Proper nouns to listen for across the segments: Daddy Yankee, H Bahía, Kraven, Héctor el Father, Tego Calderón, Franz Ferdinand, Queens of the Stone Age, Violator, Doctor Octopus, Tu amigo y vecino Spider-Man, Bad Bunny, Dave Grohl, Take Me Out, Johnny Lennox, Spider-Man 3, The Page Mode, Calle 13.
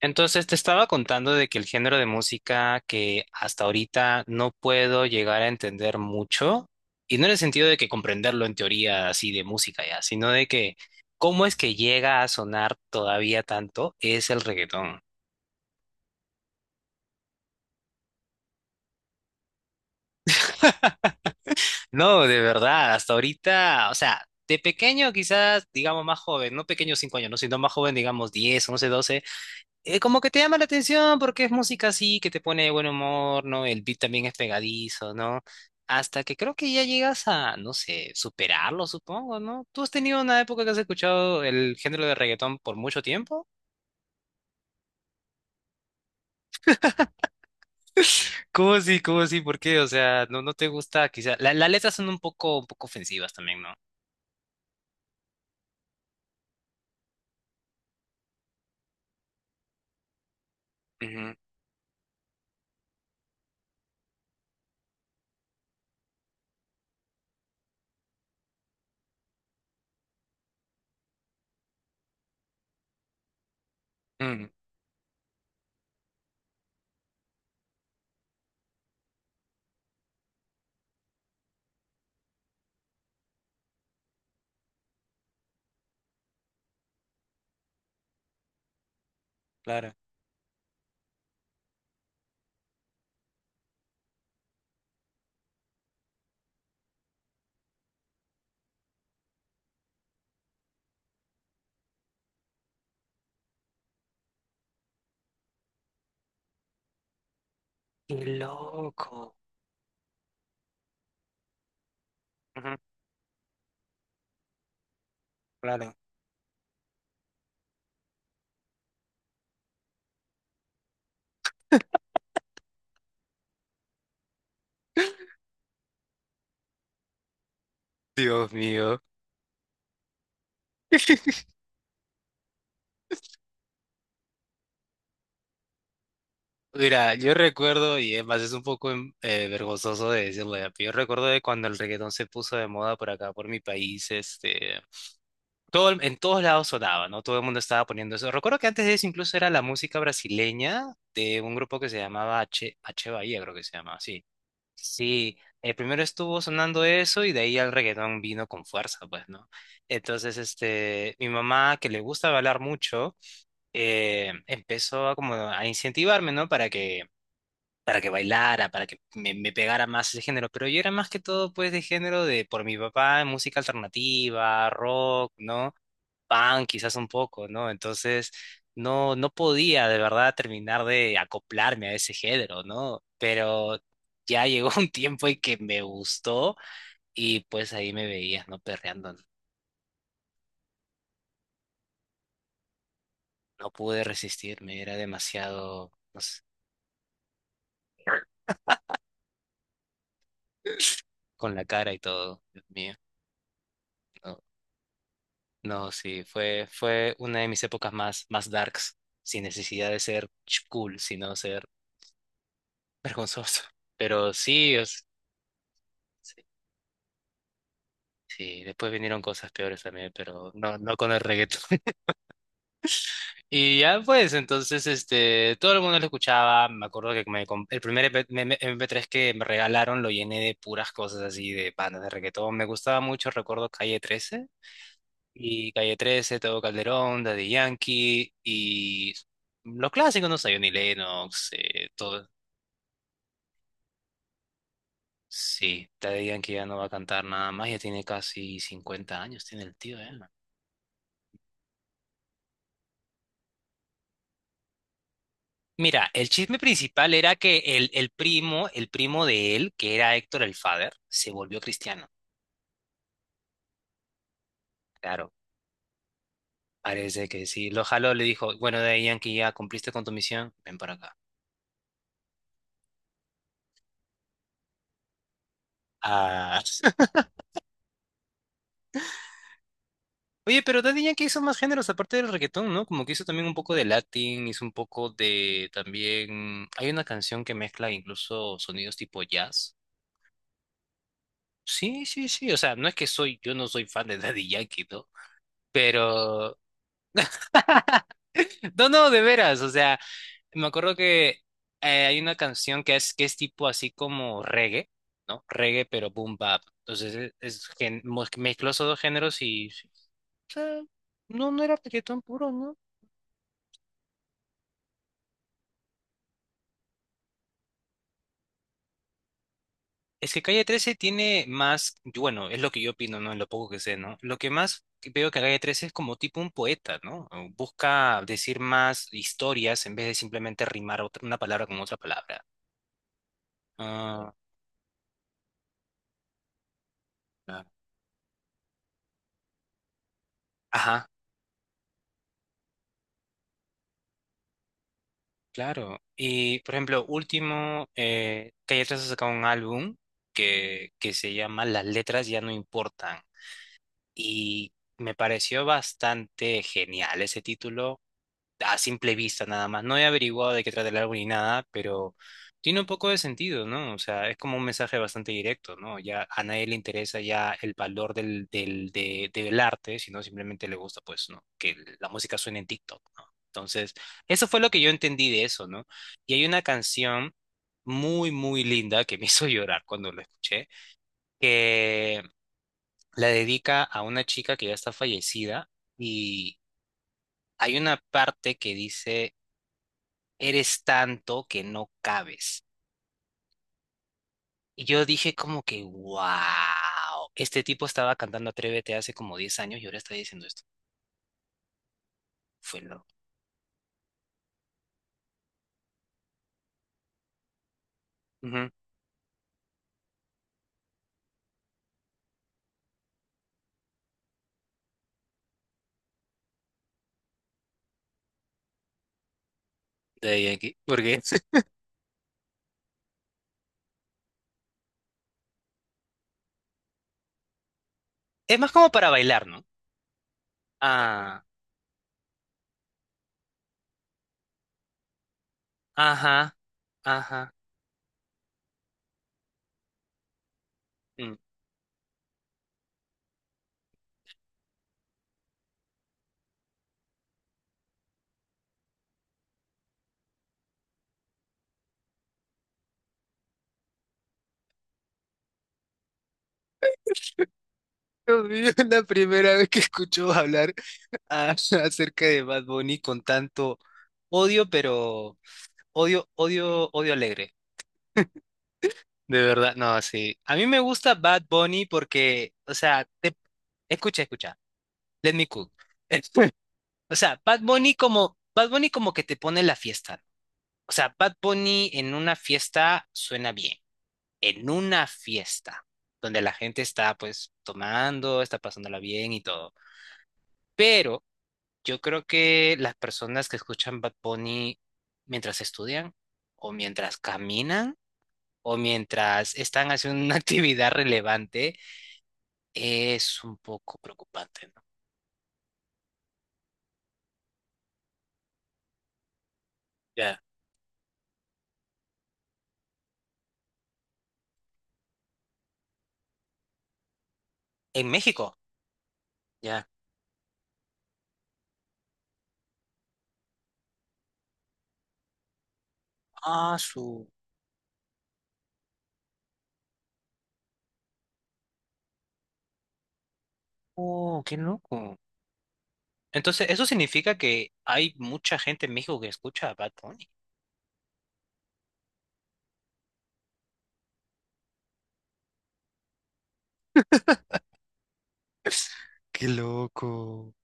Entonces te estaba contando de que el género de música que hasta ahorita no puedo llegar a entender mucho, y no en el sentido de que comprenderlo en teoría así de música ya, sino de que cómo es que llega a sonar todavía tanto es el reggaetón. No, de verdad, hasta ahorita, o sea, de pequeño quizás, digamos más joven, no pequeño 5 años, no, sino más joven, digamos 10, 11, 12. Como que te llama la atención porque es música así, que te pone de buen humor, ¿no? El beat también es pegadizo, ¿no? Hasta que creo que ya llegas a, no sé, superarlo, supongo, ¿no? ¿Tú has tenido una época que has escuchado el género de reggaetón por mucho tiempo? ¿Cómo así? ¿Cómo así? ¿Por qué? O sea, no, no te gusta, quizá. Las letras son un poco ofensivas también, ¿no? Ujú, mm, claro. Qué loco. Ujú, claro. Dios mío. Mira, yo recuerdo, y es más, es un poco vergonzoso de decirlo ya, pero yo recuerdo de cuando el reggaetón se puso de moda por acá, por mi país, este, todo, en todos lados sonaba, ¿no? Todo el mundo estaba poniendo eso. Recuerdo que antes de eso incluso era la música brasileña de un grupo que se llamaba H, H Bahía, creo que se llamaba, sí. Sí, primero estuvo sonando eso y de ahí el reggaetón vino con fuerza, pues, ¿no? Entonces, este, mi mamá, que le gusta bailar mucho, empezó a como a incentivarme, ¿no? Para que bailara, para que me pegara más ese género, pero yo era más que todo pues de género de por mi papá, música alternativa, rock, ¿no? Punk quizás un poco, ¿no? Entonces no, no podía de verdad terminar de acoplarme a ese género, ¿no? Pero ya llegó un tiempo en que me gustó y pues ahí me veías, ¿no? Perreando, no. No pude resistirme, era demasiado, no sé, con la cara y todo, Dios mío, ¿no? No, sí, fue una de mis épocas más, más darks, sin necesidad de ser cool, sino ser vergonzoso. Pero sí, sí, sí, después vinieron cosas peores también, pero no, no con el reggaetón. Y ya pues, entonces, este, todo el mundo lo escuchaba, me acuerdo que el primer EP MP3 que me regalaron lo llené de puras cosas así, de bandas de reggaetón, me gustaba mucho, recuerdo Calle 13, y Calle trece, Tego Calderón, Daddy Yankee y los clásicos, no sé, Johnny Lennox, todo. Sí, Daddy Yankee ya no va a cantar nada más, ya tiene casi 50 años, tiene el tío, ¿eh? Mira, el chisme principal era que el primo de él, que era Héctor el Father, se volvió cristiano. Claro, parece que sí. Lo jaló, le dijo, bueno, Daddy Yankee, ya cumpliste con tu misión, ven para acá. Ah. Oye, pero Daddy Yankee hizo más géneros aparte del reggaetón, ¿no? Como que hizo también un poco de Latin, hizo un poco de también... Hay una canción que mezcla incluso sonidos tipo jazz. Sí, sí, sí. O sea, no es que soy, yo no soy fan de Daddy Yankee, ¿no? Pero... No, no, de veras. O sea, me acuerdo que hay una canción que es tipo así como reggae, ¿no? Reggae, pero boom bap. Entonces mezcló esos dos géneros y... sí. O sea, no, no era reggaetón puro, ¿no? Es que Calle 13 tiene más, bueno, es lo que yo opino, ¿no? En lo poco que sé, ¿no? Lo que más que veo que Calle 13 es como tipo un poeta, ¿no? O busca decir más historias en vez de simplemente rimar una palabra con otra palabra. Ah, claro. Ajá, claro. Y, por ejemplo, último, Calle 13 ha sacado un álbum que se llama Las letras ya no importan. Y me pareció bastante genial ese título. A simple vista nada más. No he averiguado de qué trata el álbum ni nada, pero tiene un poco de sentido, ¿no? O sea, es como un mensaje bastante directo, ¿no? Ya a nadie le interesa ya el valor del arte, sino simplemente le gusta, pues, ¿no? Que la música suene en TikTok, ¿no? Entonces, eso fue lo que yo entendí de eso, ¿no? Y hay una canción muy, muy linda que me hizo llorar cuando la escuché, que la dedica a una chica que ya está fallecida y hay una parte que dice eres tanto que no cabes. Y yo dije como que, wow, este tipo estaba cantando Atrévete hace como 10 años y ahora está diciendo esto. Fue loco. Ujú. De ahí aquí. Porque es más como para bailar, ¿no? Ah, ajá, ajá. Mm. Dios mío, la primera vez que escucho hablar a- acerca de Bad Bunny con tanto odio, pero odio, odio, odio alegre. De verdad, no, sí. A mí me gusta Bad Bunny porque, o sea, te... escucha, escucha. Let me cook. O sea, Bad Bunny como que te pone la fiesta. O sea, Bad Bunny en una fiesta suena bien. En una fiesta donde la gente está pues tomando, está pasándola bien y todo. Pero yo creo que las personas que escuchan Bad Bunny mientras estudian o mientras caminan o mientras están haciendo una actividad relevante es un poco preocupante, ¿no? Ya. En México, ya. Ah, su. Oh, qué loco. Entonces, eso significa que hay mucha gente en México que escucha a Bad Bunny. Qué loco.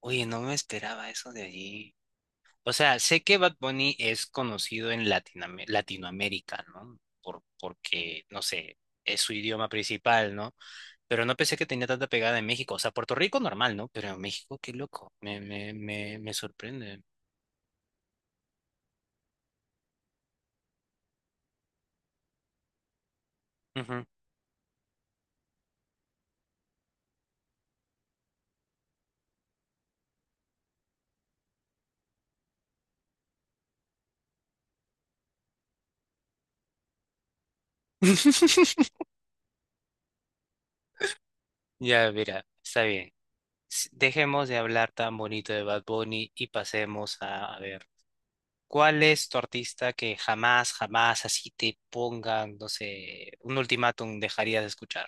Oye, no me esperaba eso de allí. O sea, sé que Bad Bunny es conocido en Latinoamérica, ¿no? Por, porque, no sé, es su idioma principal, ¿no? Pero no pensé que tenía tanta pegada en México. O sea, Puerto Rico normal, ¿no? Pero en México, qué loco. Me sorprende. Ya, mira, está bien. Dejemos de hablar tan bonito de Bad Bunny y pasemos a ver, ¿cuál es tu artista que jamás, jamás así te pongan, no sé, un ultimátum dejarías de escuchar?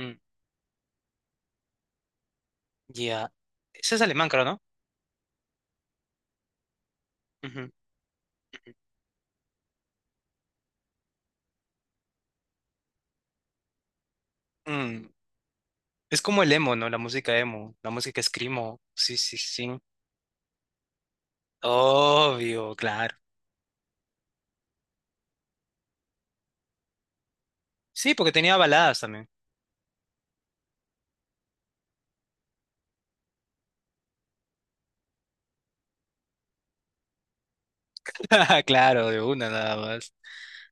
Mm, ya. Ese es alemán, creo, ¿no? Ujú, ujú. Mm, es como el emo, ¿no? La música emo, la música screamo. Sí, sí, sí. Obvio, claro. Sí, porque tenía baladas también. Claro, de una nada más.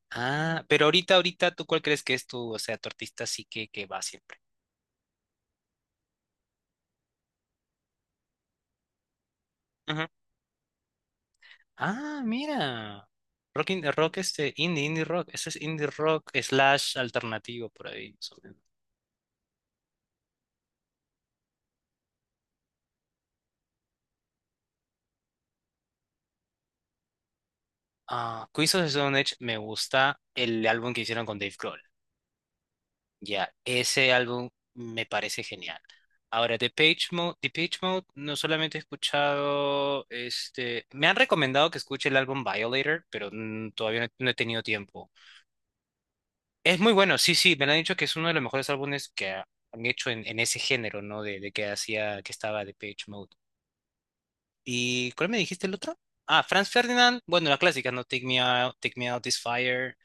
Ah, pero ahorita, ahorita, ¿tú cuál crees que es tu, o sea, tu artista sí que va siempre? Ujú. Ah, mira. Rock, rock este, indie, indie rock. Eso es indie rock slash alternativo por ahí, más o menos. Ah, Queens of the Stone Age me gusta el álbum que hicieron con Dave Grohl. Ya, ese álbum me parece genial. Ahora, The Page Mode, The Page Mode no solamente he escuchado, este, me han recomendado que escuche el álbum Violator, pero todavía no he tenido tiempo. Es muy bueno, sí, sí, me lo han dicho que es uno de los mejores álbumes que han hecho en ese género, ¿no? De que hacía, que estaba de Page Mode. ¿Y cuál me dijiste el otro? Ah, Franz Ferdinand, bueno, la clásica, ¿no? Take Me Out, Take Me Out This Fire,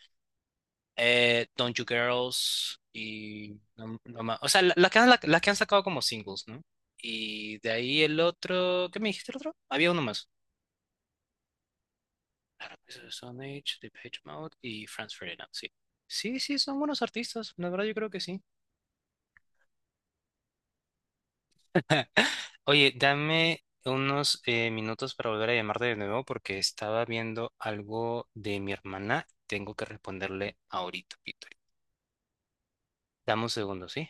Don't You Girls, y no, no más. O sea, las que han, las que han sacado como singles, ¿no? Y de ahí el otro, ¿qué me dijiste el otro? Había uno más. Claro, pues, Stone Age, The Page Mode y Franz Ferdinand, sí. Sí, sí, son buenos artistas, la verdad yo creo que sí. Oye, dame unos minutos para volver a llamarte de nuevo porque estaba viendo algo de mi hermana. Tengo que responderle ahorita, Víctor. Dame un segundo, ¿sí?